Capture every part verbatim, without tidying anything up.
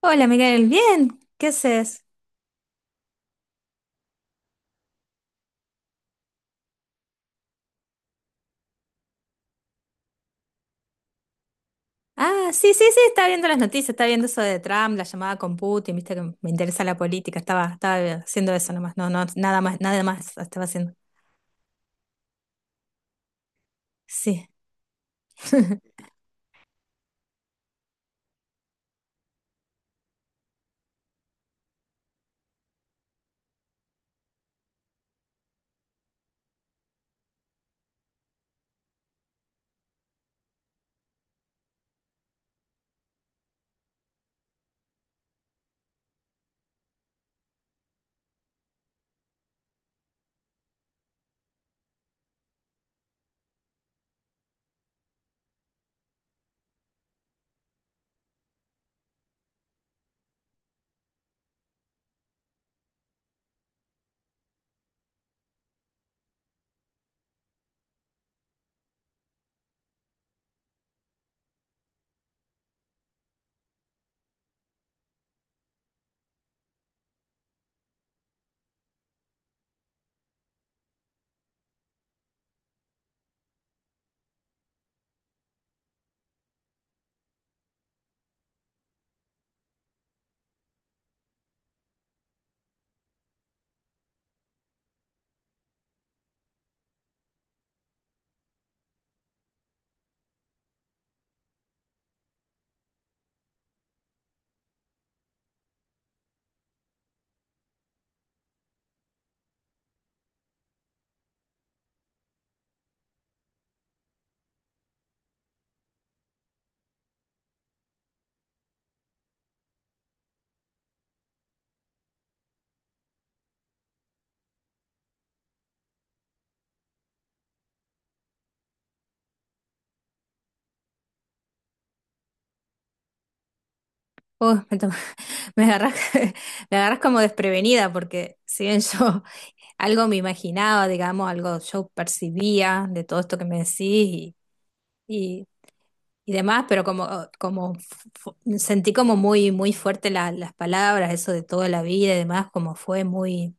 Hola Miguel, bien, ¿qué haces? Ah, sí, sí, sí, estaba viendo las noticias, estaba viendo eso de Trump, la llamada con Putin, viste que me interesa la política, estaba, estaba haciendo eso nomás, no, no, nada más, nada más estaba haciendo. Sí. Uh, me, to- me agarras, me agarras como desprevenida, porque si bien yo algo me imaginaba, digamos, algo yo percibía de todo esto que me decís, y, y demás, pero como, oh, como fu- sentí como muy, muy fuerte la- las palabras, eso de toda la vida y demás, como fue muy,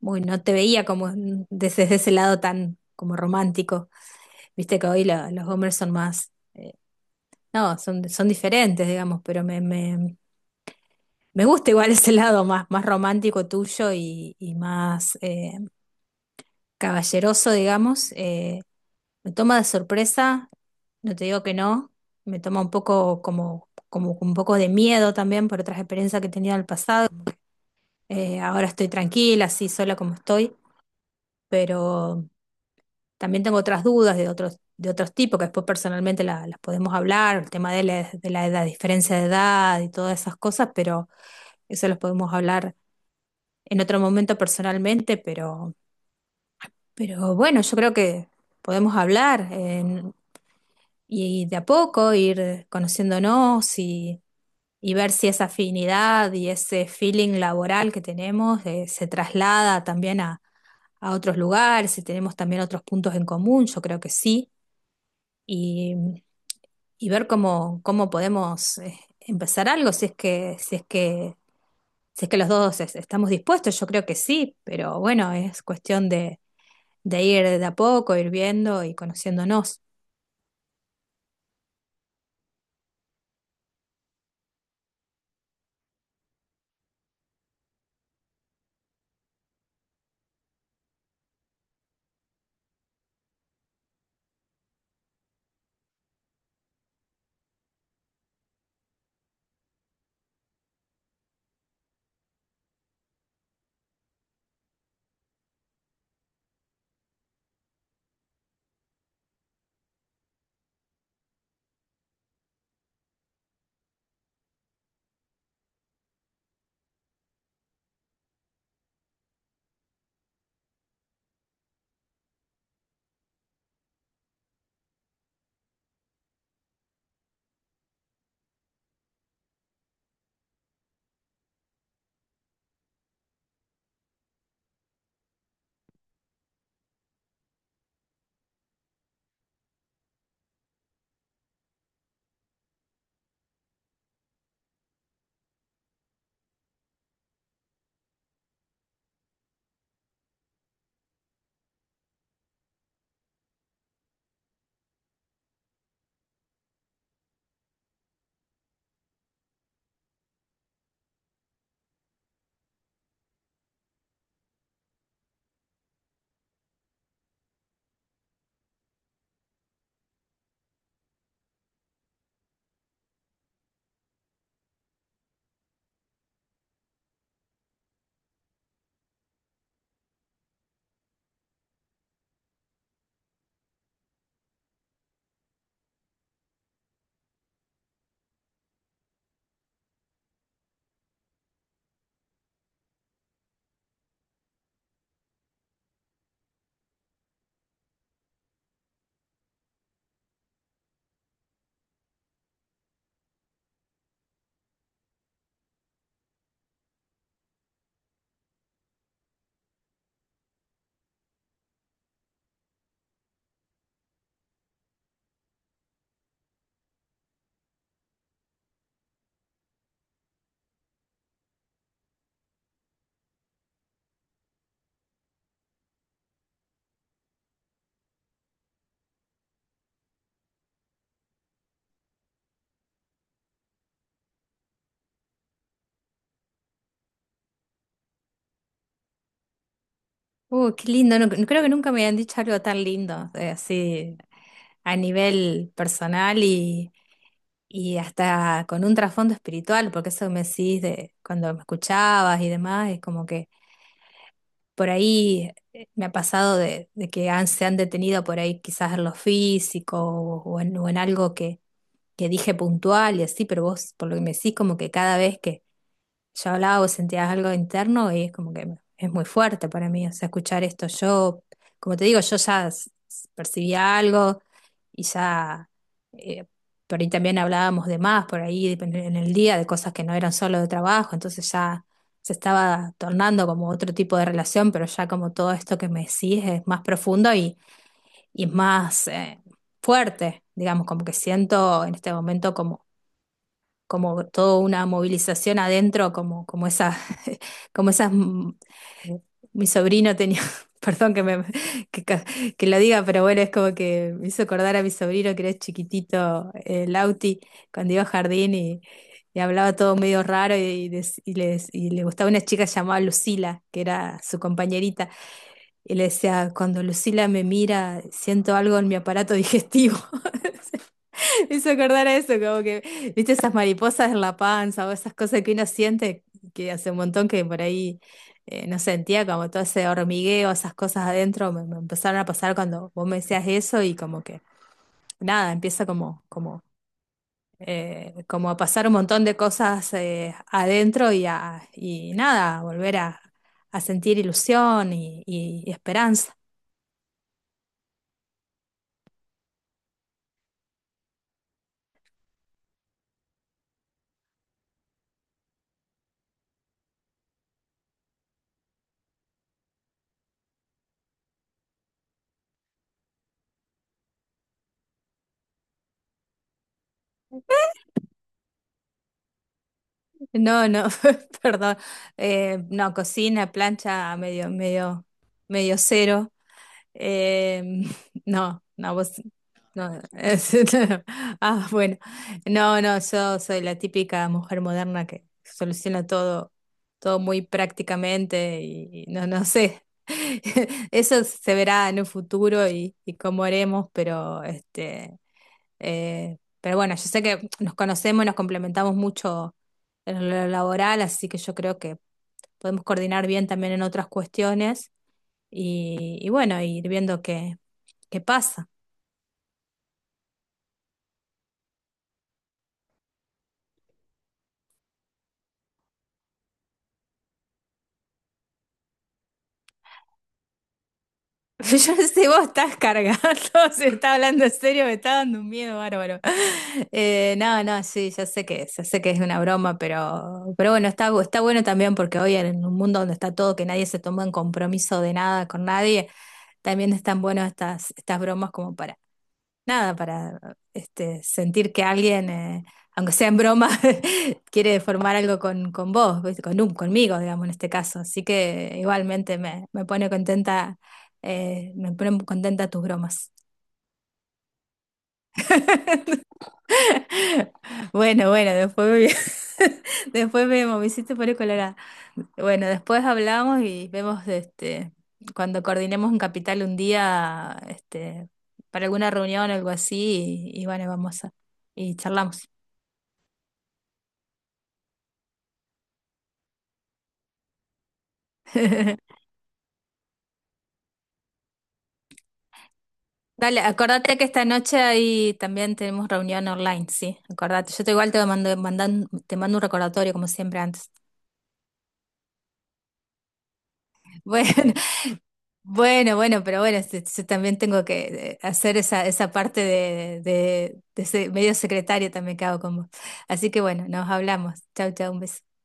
muy, no te veía como desde desde, ese lado tan como romántico. Viste que hoy la- los hombres son más, no, son, son diferentes, digamos, pero me, me, me gusta igual ese lado más, más romántico tuyo y, y más eh, caballeroso, digamos. eh, Me toma de sorpresa, no te digo que no, me toma un poco como, como un poco de miedo también por otras experiencias que he tenido en el pasado. Eh, ahora estoy tranquila, así sola como estoy, pero también tengo otras dudas de otros, de otros tipos que después personalmente la- las podemos hablar, el tema de la, de la edad, diferencia de edad y todas esas cosas, pero eso los podemos hablar en otro momento personalmente, pero, pero bueno, yo creo que podemos hablar. Eh, y de a poco ir conociéndonos y, y ver si esa afinidad y ese feeling laboral que tenemos eh, se traslada también a, a otros lugares, si tenemos también otros puntos en común, yo creo que sí, y, y ver cómo, cómo podemos eh, empezar algo, si es que, si es que, si es que los dos es- estamos dispuestos, yo creo que sí, pero bueno, es cuestión de, de ir de a poco, ir viendo y conociéndonos. Uh, qué lindo. No, no creo que nunca me habían dicho algo tan lindo, eh, así a nivel personal y, y hasta con un trasfondo espiritual, porque eso que me decís de cuando me escuchabas y demás, es como que por ahí eh, me ha pasado de, de que han, se han detenido por ahí quizás en lo físico o, o en, o en algo que, que dije puntual y así, pero vos por lo que me decís como que cada vez que yo hablaba o sentías algo interno y es como que es muy fuerte para mí, o sea, escuchar esto. Yo, como te digo, yo ya s- s- percibía algo y ya, eh, por ahí también hablábamos de más, por ahí en en el día, de cosas que no eran solo de trabajo, entonces ya se estaba tornando como otro tipo de relación, pero ya como todo esto que me decís es más profundo y, y más eh, fuerte, digamos, como que siento en este momento como como toda una movilización adentro, como, como esa, como esas, mm, mi sobrino tenía, perdón que me que, ca- que lo diga, pero bueno, es como que me hizo acordar a mi sobrino que era chiquitito, el Lauti, cuando iba a jardín y, y hablaba todo medio raro y, des- y les- y le gustaba una chica llamada Lucila, que era su compañerita, y le decía, cuando Lucila me mira, siento algo en mi aparato digestivo. Me hizo acordar a eso, como que, viste, esas mariposas en la panza o esas cosas que uno siente que hace un montón que por ahí eh, no sentía, como todo ese hormigueo, esas cosas adentro, me, me empezaron a pasar cuando vos me decías eso y como que, nada, empieza como, como, eh, como a pasar un montón de cosas eh, adentro y, a, y nada, a volver a, a sentir ilusión y, y- y esperanza. No, no, perdón. Eh, no, cocina, plancha, medio, medio, medio cero. Eh, no, no, vos. No, es- Ah, bueno. No, no, yo soy la típica mujer moderna que soluciona todo, todo muy prácticamente y, y no, no sé. Eso se verá en un futuro y, y cómo haremos, pero este, eh, pero bueno, yo sé que nos conocemos y nos complementamos mucho en lo laboral, así que yo creo que podemos coordinar bien también en otras cuestiones y, y bueno, ir viendo qué, qué pasa. Yo no sé, vos estás cargado, se está hablando en serio, me está dando un miedo bárbaro. Eh, no, no, sí, ya sé que, ya sé que es una broma, pero, pero bueno, está, está bueno también porque hoy en un mundo donde está todo, que nadie se toma en compromiso de nada con nadie, también están buenas estas, estas bromas como para nada, para este, sentir que alguien, eh, aunque sea en broma, quiere formar algo con, con vos, ¿viste? con un, conmigo, digamos, en este caso. Así que igualmente me, me pone contenta, eh, me ponen contenta tus bromas. Bueno, bueno, después me, después vemos, me hiciste poner colorada. Bueno, después hablamos y vemos este, cuando coordinemos un capital un día, este, para alguna reunión o algo así, y, y bueno, vamos a, y charlamos. Dale, acordate que esta noche ahí también tenemos reunión online, sí, acordate. Yo te igual te mando, mandan- te mando un recordatorio como siempre antes. Bueno, bueno, bueno, pero bueno, este, yo también tengo que eh, hacer esa, esa parte de, de, de ese medio secretario también que hago con vos. Así que bueno, nos hablamos. Chau, chau, un beso.